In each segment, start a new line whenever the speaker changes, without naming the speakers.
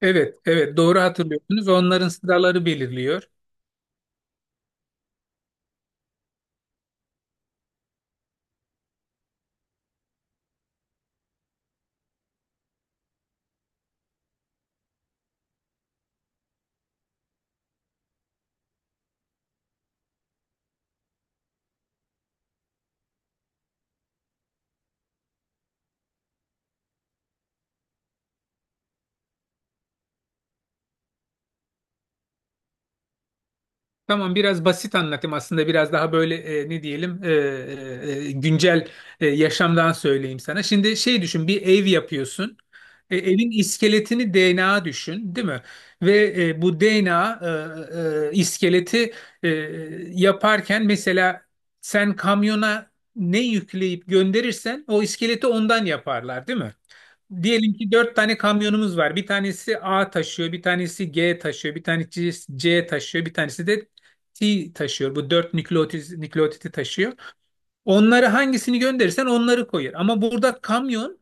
Evet, evet doğru hatırlıyorsunuz. Onların sıraları belirliyor. Tamam biraz basit anlatayım aslında biraz daha böyle e, ne diyelim e, e, güncel yaşamdan söyleyeyim sana. Şimdi şey düşün, bir ev yapıyorsun. Evin iskeletini DNA düşün, değil mi? Ve bu DNA iskeleti e, yaparken mesela sen kamyona ne yükleyip gönderirsen o iskeleti ondan yaparlar, değil mi? Diyelim ki dört tane kamyonumuz var. Bir tanesi A taşıyor, bir tanesi G taşıyor, bir tanesi C taşıyor, bir tanesi de T taşıyor. Bu dört nükleotiti taşıyor. Onları hangisini gönderirsen onları koyar. Ama burada kamyon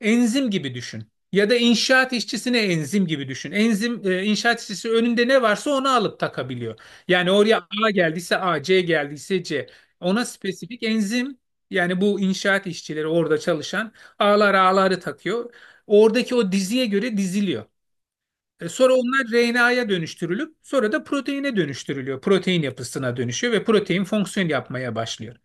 enzim gibi düşün. Ya da inşaat işçisine enzim gibi düşün. Enzim, inşaat işçisi önünde ne varsa onu alıp takabiliyor. Yani oraya A geldiyse A, C geldiyse C. Ona spesifik enzim, yani bu inşaat işçileri orada çalışan A'ları takıyor. Oradaki o diziye göre diziliyor. Sonra onlar RNA'ya dönüştürülüp sonra da proteine dönüştürülüyor. Protein yapısına dönüşüyor ve protein fonksiyon yapmaya başlıyor.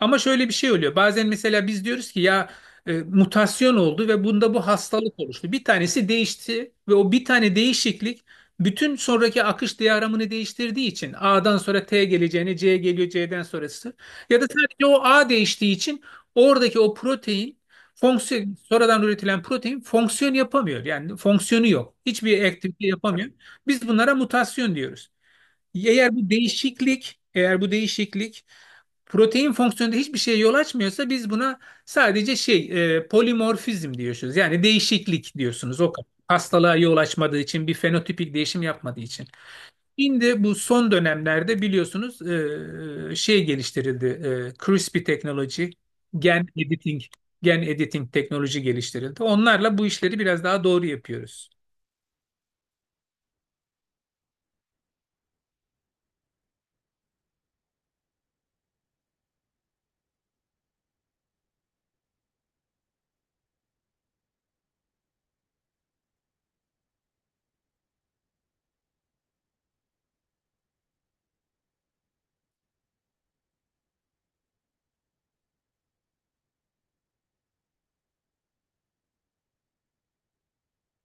Ama şöyle bir şey oluyor. Bazen mesela biz diyoruz ki ya mutasyon oldu ve bunda bu hastalık oluştu. Bir tanesi değişti ve o bir tane değişiklik bütün sonraki akış diyagramını değiştirdiği için A'dan sonra T geleceğine C geliyor, C'den sonrası, ya da sadece o A değiştiği için oradaki o protein fonksiyon sonradan üretilen protein fonksiyon yapamıyor. Yani fonksiyonu yok. Hiçbir aktivite yapamıyor. Biz bunlara mutasyon diyoruz. Eğer bu değişiklik protein fonksiyonunda hiçbir şeye yol açmıyorsa biz buna sadece şey, polimorfizm diyorsunuz. Yani değişiklik diyorsunuz o kadar. Hastalığa yol açmadığı için, bir fenotipik değişim yapmadığı için. Şimdi bu son dönemlerde biliyorsunuz şey geliştirildi. CRISPR teknoloji, gen editing, gen editing teknoloji geliştirildi. Onlarla bu işleri biraz daha doğru yapıyoruz.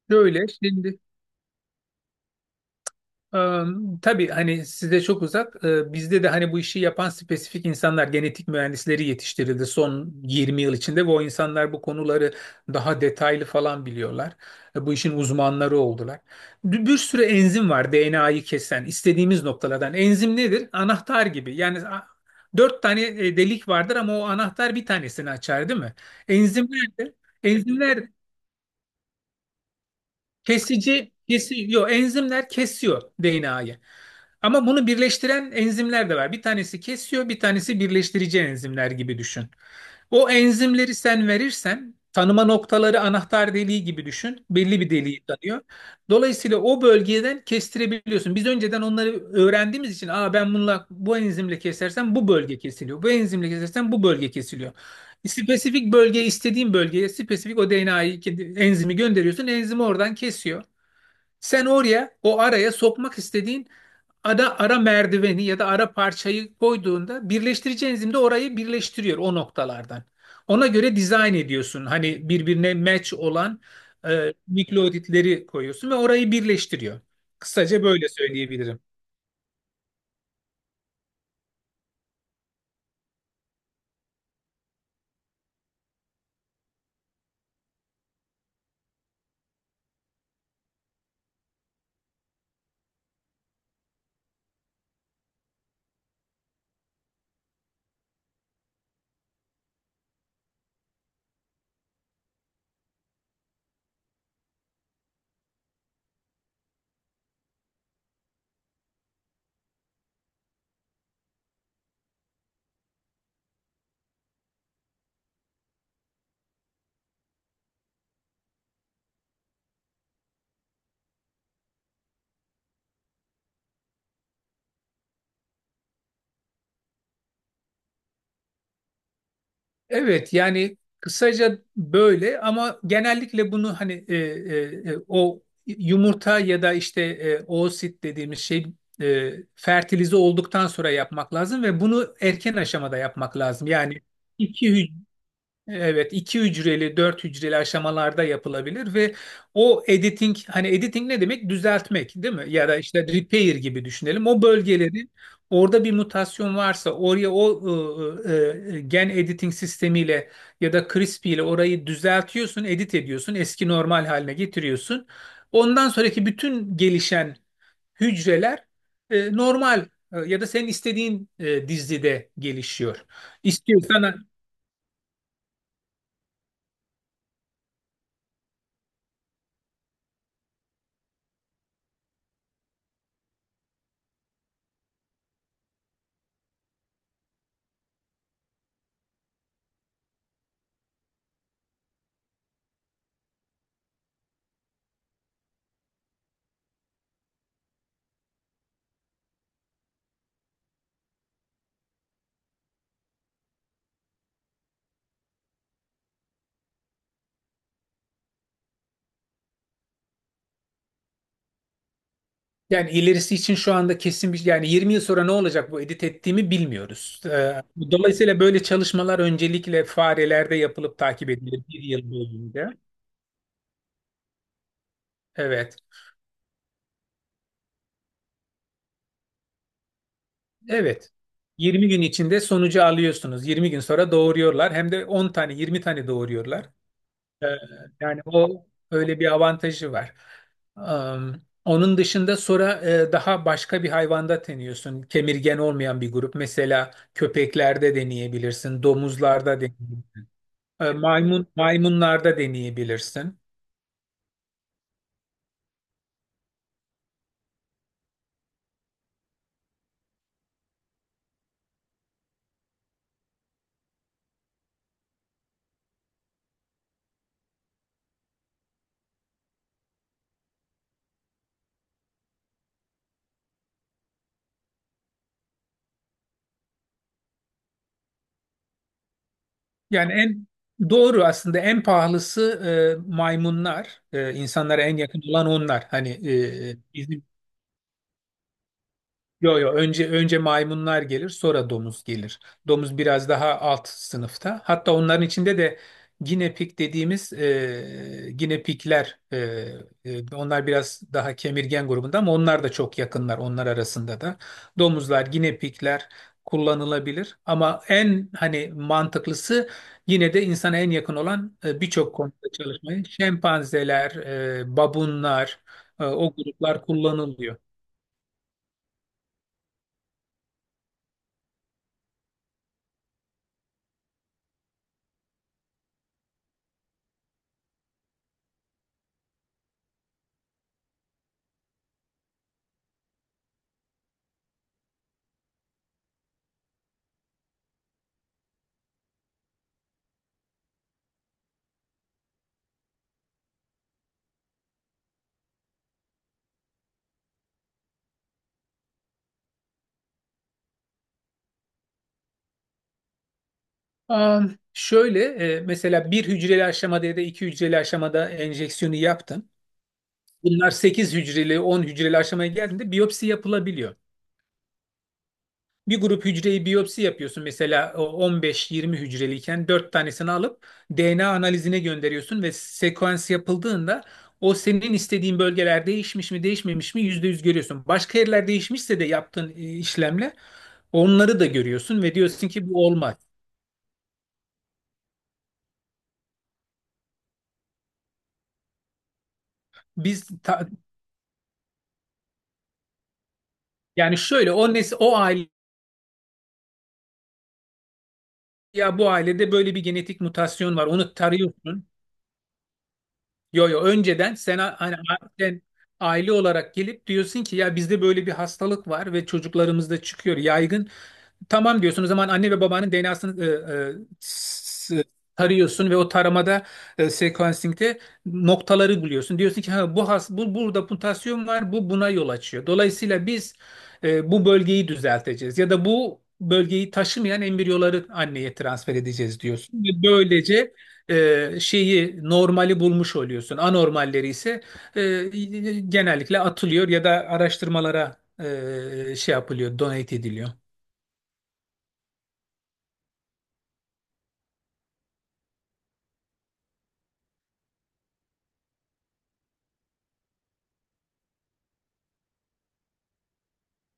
Böyle şimdi, Ee, tabii hani size çok uzak. Bizde de hani bu işi yapan spesifik insanlar, genetik mühendisleri yetiştirildi son 20 yıl içinde, ve o insanlar bu konuları daha detaylı falan biliyorlar. Bu işin uzmanları oldular. Bir sürü enzim var, DNA'yı kesen istediğimiz noktalardan. Enzim nedir? Anahtar gibi. Yani dört tane delik vardır, ama o anahtar bir tanesini açar, değil mi? Enzimler de, enzimler, kesici kesiyor. Enzimler kesiyor DNA'yı. Ama bunu birleştiren enzimler de var. Bir tanesi kesiyor, bir tanesi birleştirici, enzimler gibi düşün. O enzimleri sen verirsen, tanıma noktaları anahtar deliği gibi düşün. Belli bir deliği tanıyor. Dolayısıyla o bölgeden kestirebiliyorsun. Biz önceden onları öğrendiğimiz için, aa, ben bununla, bu enzimle kesersem bu bölge kesiliyor. Bu enzimle kesersem bu bölge kesiliyor. Spesifik bölgeye, istediğin bölgeye spesifik o enzimi gönderiyorsun. Enzimi oradan kesiyor. Sen oraya, o araya sokmak istediğin ara merdiveni ya da ara parçayı koyduğunda, birleştirici enzim de orayı birleştiriyor o noktalardan. Ona göre dizayn ediyorsun. Hani birbirine match olan nükleotitleri koyuyorsun ve orayı birleştiriyor. Kısaca böyle söyleyebilirim. Evet, yani kısaca böyle, ama genellikle bunu hani o yumurta ya da işte oosit dediğimiz şey fertilize olduktan sonra yapmak lazım, ve bunu erken aşamada yapmak lazım. Yani iki, evet, iki hücreli, dört hücreli aşamalarda yapılabilir. Ve o editing, hani editing ne demek? Düzeltmek, değil mi? Ya da işte repair gibi düşünelim. O bölgeleri, orada bir mutasyon varsa, oraya gen editing sistemiyle ya da CRISPR ile orayı düzeltiyorsun, edit ediyorsun, eski normal haline getiriyorsun. Ondan sonraki bütün gelişen hücreler normal, ya da senin istediğin dizide gelişiyor. İstiyorsan, yani ilerisi için şu anda kesin bir, yani 20 yıl sonra ne olacak bu edit ettiğimi bilmiyoruz. Dolayısıyla böyle çalışmalar öncelikle farelerde yapılıp takip edilir bir yıl boyunca. Evet. Evet. 20 gün içinde sonucu alıyorsunuz. 20 gün sonra doğuruyorlar. Hem de 10 tane, 20 tane doğuruyorlar. Ee, Yani o öyle bir avantajı var. Onun dışında sonra daha başka bir hayvanda deniyorsun. Kemirgen olmayan bir grup. Mesela köpeklerde deneyebilirsin, domuzlarda deneyebilirsin. Maymunlarda deneyebilirsin. Yani en doğru, aslında en pahalısı maymunlar. İnsanlara en yakın olan onlar. Hani e, bizim yo yo, önce, önce maymunlar gelir, sonra domuz gelir. Domuz biraz daha alt sınıfta. Hatta onların içinde de guinea pig dediğimiz, guinea pigler, onlar biraz daha kemirgen grubunda, ama onlar da çok yakınlar onlar arasında da. Domuzlar, guinea pigler kullanılabilir, ama en hani mantıklısı, yine de insana en yakın olan, birçok konuda çalışmayı şempanzeler, babunlar, o gruplar kullanılıyor. Şöyle, mesela bir hücreli aşamada ya da iki hücreli aşamada enjeksiyonu yaptın. Bunlar 8 hücreli, 10 hücreli aşamaya geldiğinde biyopsi yapılabiliyor. Bir grup hücreyi biyopsi yapıyorsun, mesela o on beş, yirmi hücreliyken 4 tanesini alıp DNA analizine gönderiyorsun, ve sekans yapıldığında o senin istediğin bölgeler değişmiş mi değişmemiş mi %100 görüyorsun. Başka yerler değişmişse de yaptığın işlemle onları da görüyorsun ve diyorsun ki bu olmaz. Biz ta- yani şöyle, o aile ya, bu ailede böyle bir genetik mutasyon var. Onu tarıyorsun. Yo yo, önceden sen, sen aile olarak gelip diyorsun ki ya, bizde böyle bir hastalık var ve çocuklarımızda çıkıyor yaygın. Tamam diyorsun. O zaman anne ve babanın DNA'sını e, s- e, tarıyorsun ve o taramada, sequencing'de noktaları buluyorsun. Diyorsun ki ha, bu burada mutasyon var. Bu buna yol açıyor. Dolayısıyla biz bu bölgeyi düzelteceğiz ya da bu bölgeyi taşımayan embriyoları anneye transfer edeceğiz diyorsun. Ve böylece e, şeyi normali bulmuş oluyorsun. Anormalleri ise e, genellikle atılıyor ya da araştırmalara donate ediliyor.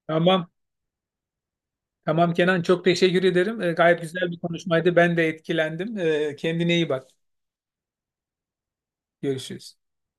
Tamam. Tamam Kenan, çok teşekkür ederim. Gayet güzel bir konuşmaydı. Ben de etkilendim. Kendine iyi bak. Görüşürüz.